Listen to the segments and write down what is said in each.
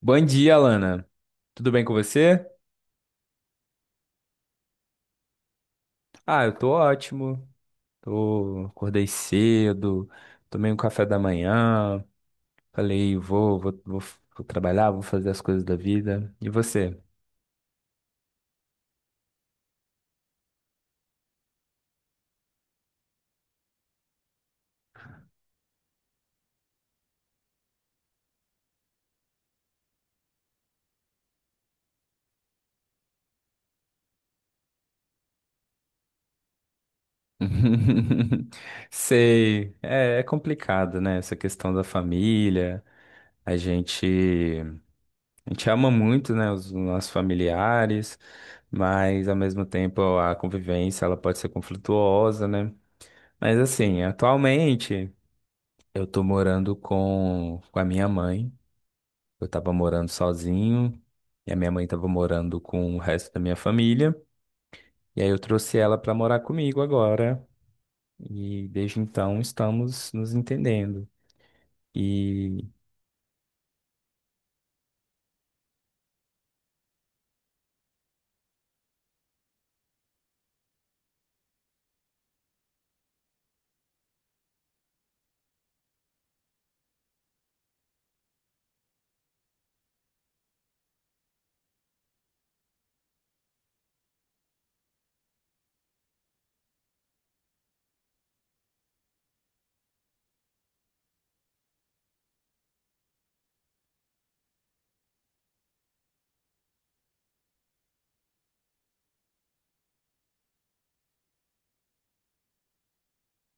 Bom dia, Alana. Tudo bem com você? Ah, eu tô ótimo. Tô, acordei cedo, tomei um café da manhã, falei, vou, vou trabalhar, vou fazer as coisas da vida. E você? Sei, é complicado, né? Essa questão da família. A gente, a gente ama muito, né, os nossos familiares, mas ao mesmo tempo a convivência ela pode ser conflituosa, né? Mas assim, atualmente. Eu tô morando com a minha mãe. Eu tava morando sozinho. E a minha mãe tava morando com o resto da minha família. E aí eu trouxe ela pra morar comigo agora. E desde então estamos nos entendendo. E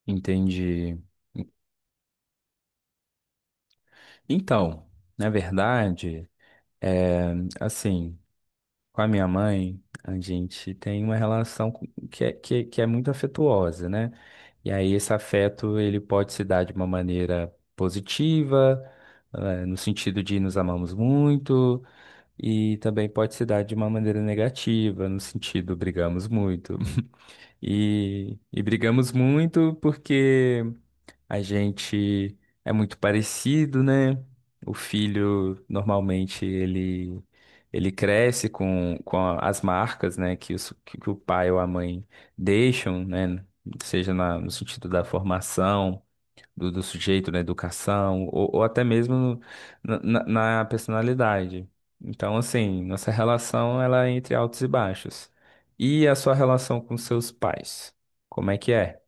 entendi. Então, na verdade, é assim. Com a minha mãe, a gente tem uma relação que é muito afetuosa, né? E aí esse afeto, ele pode se dar de uma maneira positiva, no sentido de nos amamos muito, e também pode se dar de uma maneira negativa, no sentido brigamos muito. E brigamos muito porque a gente é muito parecido, né? O filho, normalmente, ele cresce com as marcas, né? Que, os, que o pai ou a mãe deixam, né? Seja no sentido da formação, do sujeito, na educação, ou até mesmo na, na- na personalidade. Então, assim, nossa relação, ela é entre altos e baixos. E a sua relação com seus pais? Como é que é?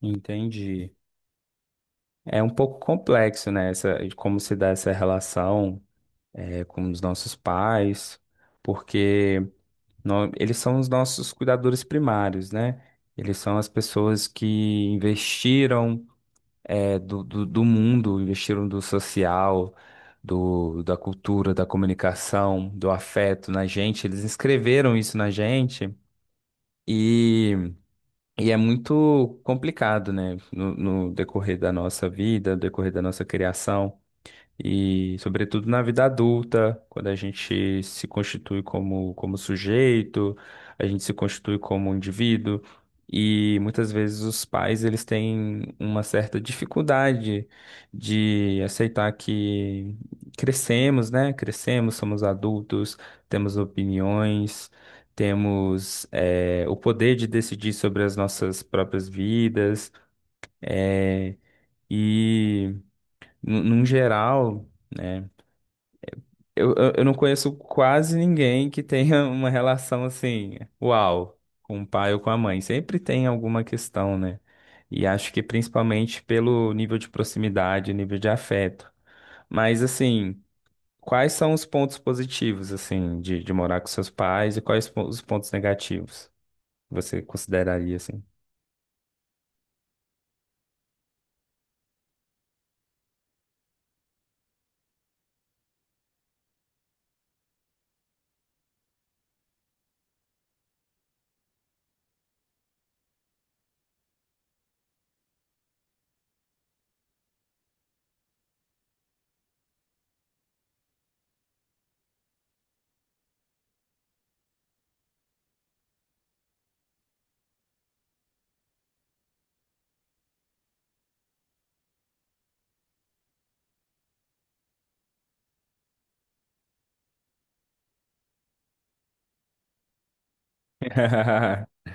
Entendi. É um pouco complexo, né? Essa, de como se dá essa relação é, com os nossos pais, porque eles são os nossos cuidadores primários, né? Eles são as pessoas que investiram é, do mundo, investiram do social, do, da cultura, da comunicação, do afeto na gente. Eles escreveram isso na gente e, e é muito complicado, né? No decorrer da nossa vida, no decorrer da nossa criação. E, sobretudo, na vida adulta, quando a gente se constitui como, como sujeito, a gente se constitui como indivíduo, e muitas vezes os pais eles têm uma certa dificuldade de aceitar que crescemos, né? Crescemos, somos adultos, temos opiniões, temos, o poder de decidir sobre as nossas próprias vidas, eh, e, num geral. Né? Eu não conheço quase ninguém que tenha uma relação assim, uau, com o pai ou com a mãe. Sempre tem alguma questão, né? E acho que principalmente pelo nível de proximidade, nível de afeto. Mas assim, quais são os pontos positivos, assim, de morar com seus pais e quais os pontos negativos você consideraria, assim?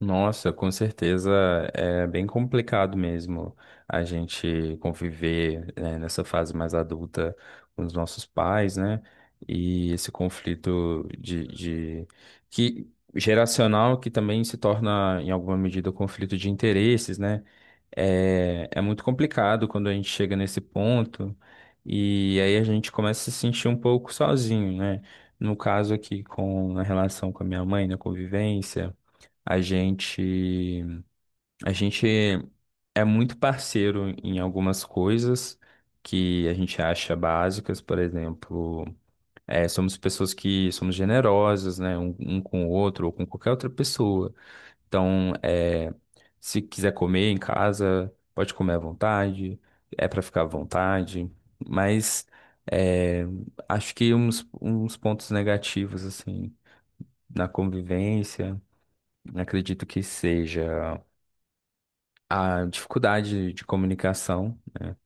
Nossa, com certeza é bem complicado mesmo a gente conviver, né, nessa fase mais adulta com os nossos pais, né? E esse conflito de que geracional que também se torna em alguma medida um conflito de interesses, né? É muito complicado quando a gente chega nesse ponto e aí a gente começa a se sentir um pouco sozinho, né? No caso aqui com a relação com a minha mãe, na convivência. A gente, a gente é muito parceiro em algumas coisas que a gente acha básicas, por exemplo, é, somos pessoas que somos generosas, né, um com o outro ou com qualquer outra pessoa. Então, é, se quiser comer em casa, pode comer à vontade, é para ficar à vontade, mas é, acho que uns pontos negativos, assim, na convivência, acredito que seja. A dificuldade de comunicação, né?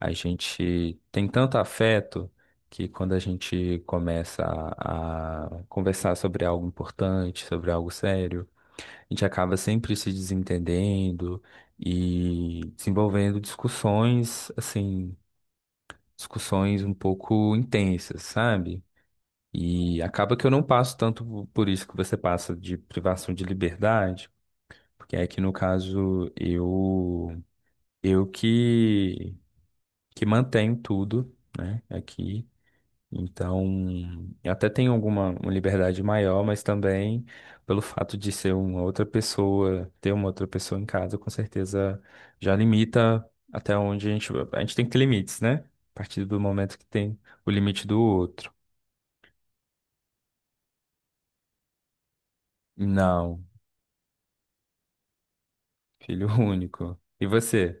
A gente tem tanto afeto que quando a gente começa a conversar sobre algo importante, sobre algo sério, a gente acaba sempre se desentendendo e desenvolvendo discussões, assim, discussões um pouco intensas, sabe? E acaba que eu não passo tanto por isso que você passa de privação de liberdade, porque aqui no caso eu que mantenho tudo, né, aqui. Então, eu até tenho alguma uma liberdade maior, mas também pelo fato de ser uma outra pessoa, ter uma outra pessoa em casa, com certeza já limita até onde a gente tem que ter limites, né? A partir do momento que tem o limite do outro. Não, filho único. E você?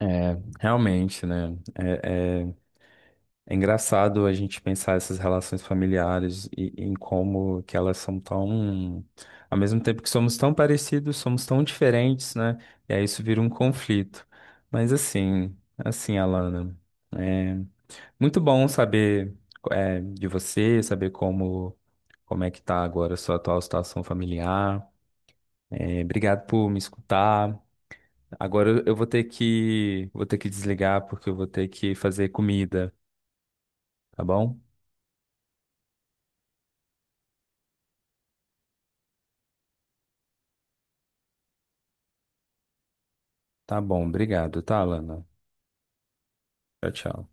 É, realmente, né? É engraçado a gente pensar essas relações familiares e em como que elas são tão, ao mesmo tempo que somos tão parecidos, somos tão diferentes, né? E aí isso vira um conflito. Mas assim, assim, Alana, é muito bom saber é, de você, saber como como é que tá agora a sua atual situação familiar. É, obrigado por me escutar. Agora eu vou ter que desligar porque eu vou ter que fazer comida, tá bom? Tá bom, obrigado, tá, Alana? Tchau, tchau.